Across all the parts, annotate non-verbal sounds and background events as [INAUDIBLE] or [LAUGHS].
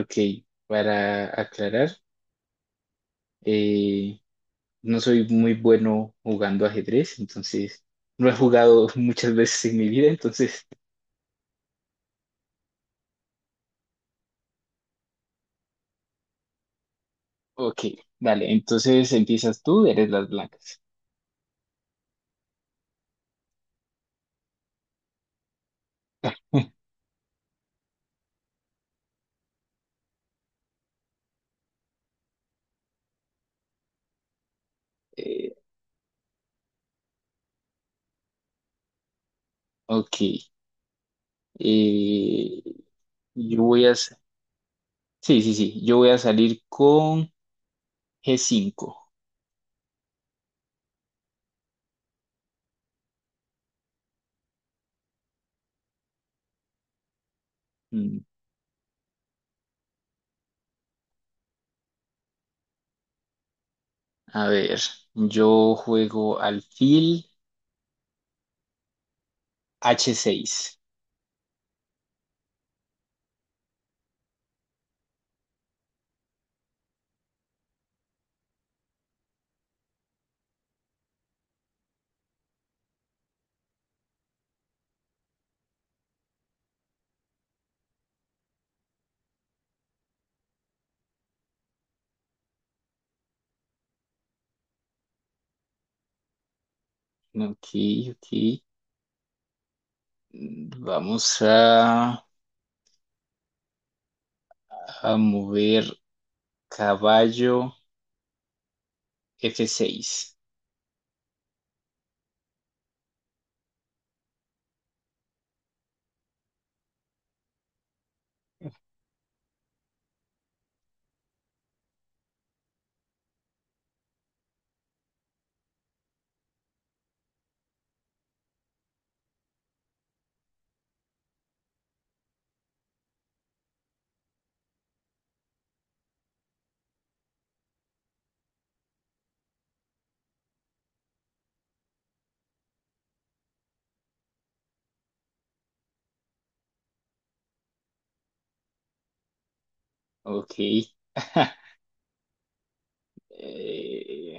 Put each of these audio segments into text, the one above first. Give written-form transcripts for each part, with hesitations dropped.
Ok, para aclarar, eh, no soy muy bueno jugando ajedrez, entonces no he jugado [LAUGHS] muchas veces en mi vida, entonces, ok, dale, entonces empiezas tú, eres las blancas. [LAUGHS] Eh, ok, eh, yo voy a, s- Sí, sí, sí, yo voy a salir con G5. Mm, a ver, yo juego alfil H6. Ok, ok, mm, vamos a... A mover caballo F6. Ok. [LAUGHS] Eh,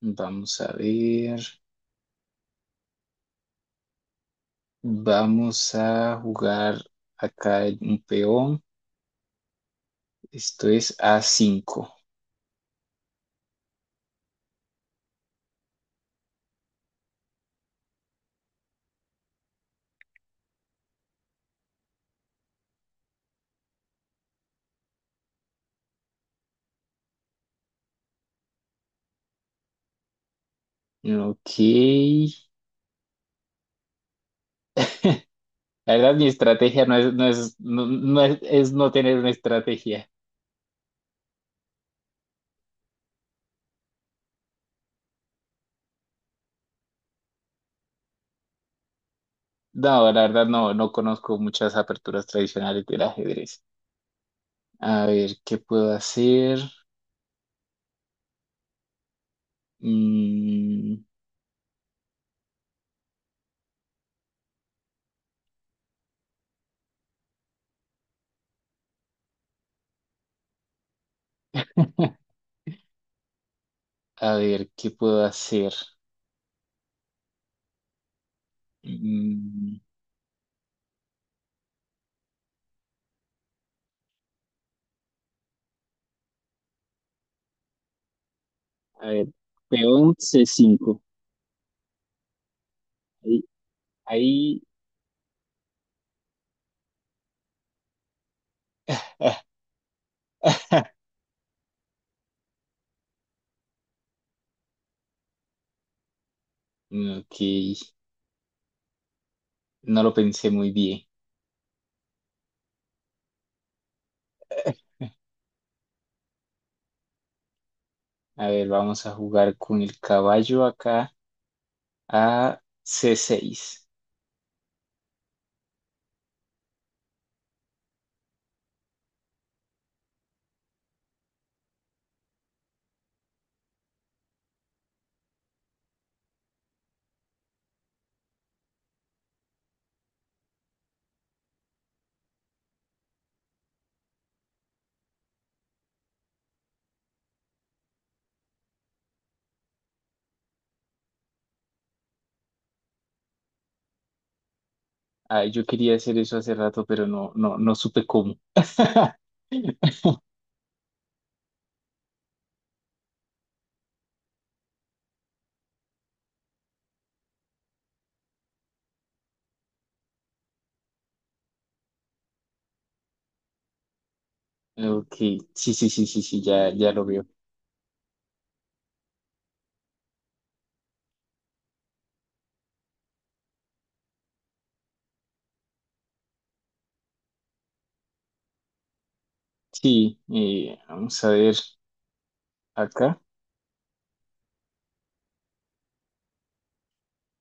vamos a ver. Vamos a jugar acá un peón. Esto es a cinco. Ok. La verdad, mi estrategia es no tener una estrategia. No, la verdad no, no conozco muchas aperturas tradicionales del ajedrez. A ver, ¿qué puedo hacer? Mm. [LAUGHS] A ver, ¿qué puedo hacer? Mm, a ver, peón C5. Ahí, ahí. [LAUGHS] Ok, no lo pensé muy bien. A ver, vamos a jugar con el caballo acá a C6. Ah, yo quería hacer eso hace rato, pero no supe cómo. [LAUGHS] Ok, sí, sí, sí, sí, sí, ya, ya lo veo. Sí, vamos a ver acá.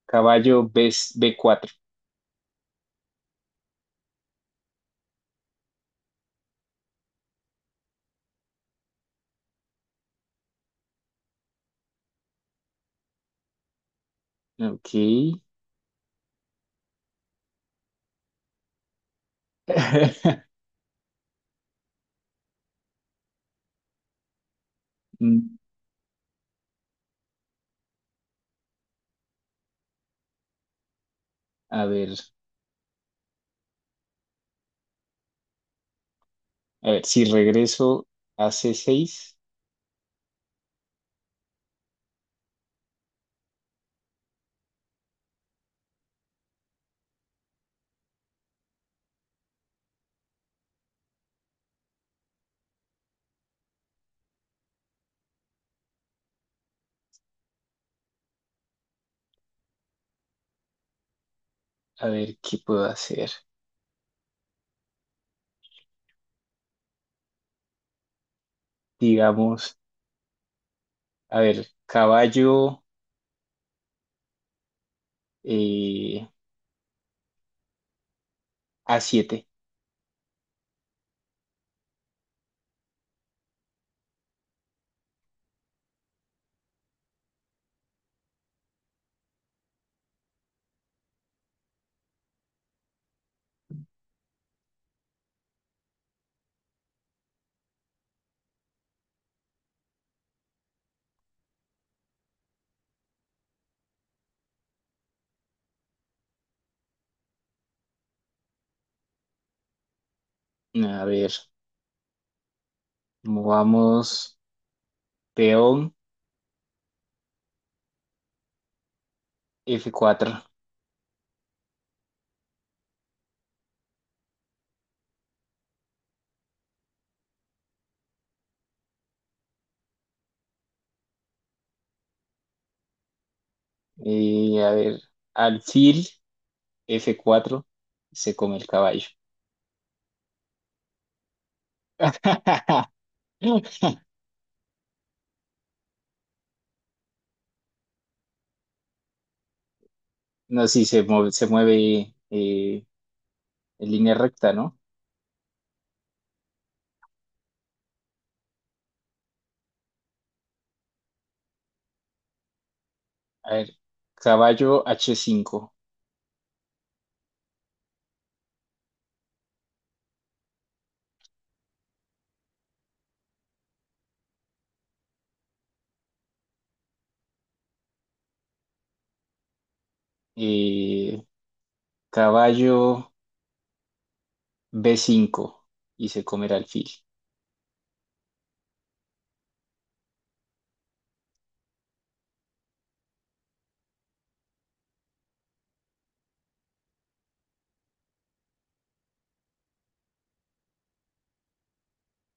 Caballo B, B4. Ok. [LAUGHS] Mm, a ver. A ver, si regreso a c seis, a ver qué puedo hacer. Digamos, a ver, caballo eh, a siete. A ver, movamos peón f cuatro. A ver, alfil f cuatro. Se come el caballo. [LAUGHS] No, sí, se mueve en línea recta, ¿no? A ver, caballo h cinco, eh, caballo b cinco y se comerá alfil.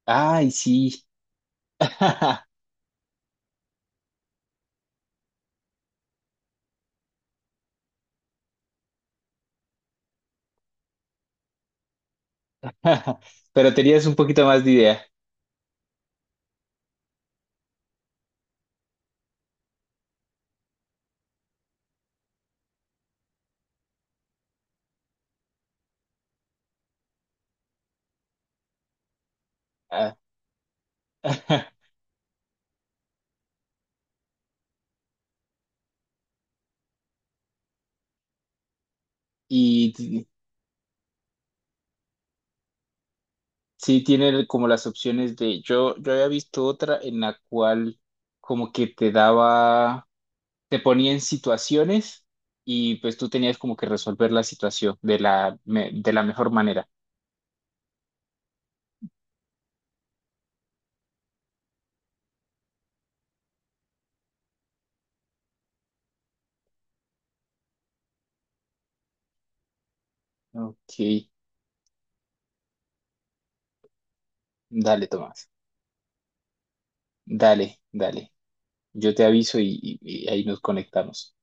Ay, sí. [LAUGHS] Pero tenías un poquito más de idea. Ah. [LAUGHS] Y t- sí tiene como las opciones de, yo había visto otra en la cual como que te daba, te ponía en situaciones y pues tú tenías como que resolver la situación de la, me- de la mejor manera. Ok, dale, Tomás. Dale, dale. Yo te aviso y ahí nos conectamos.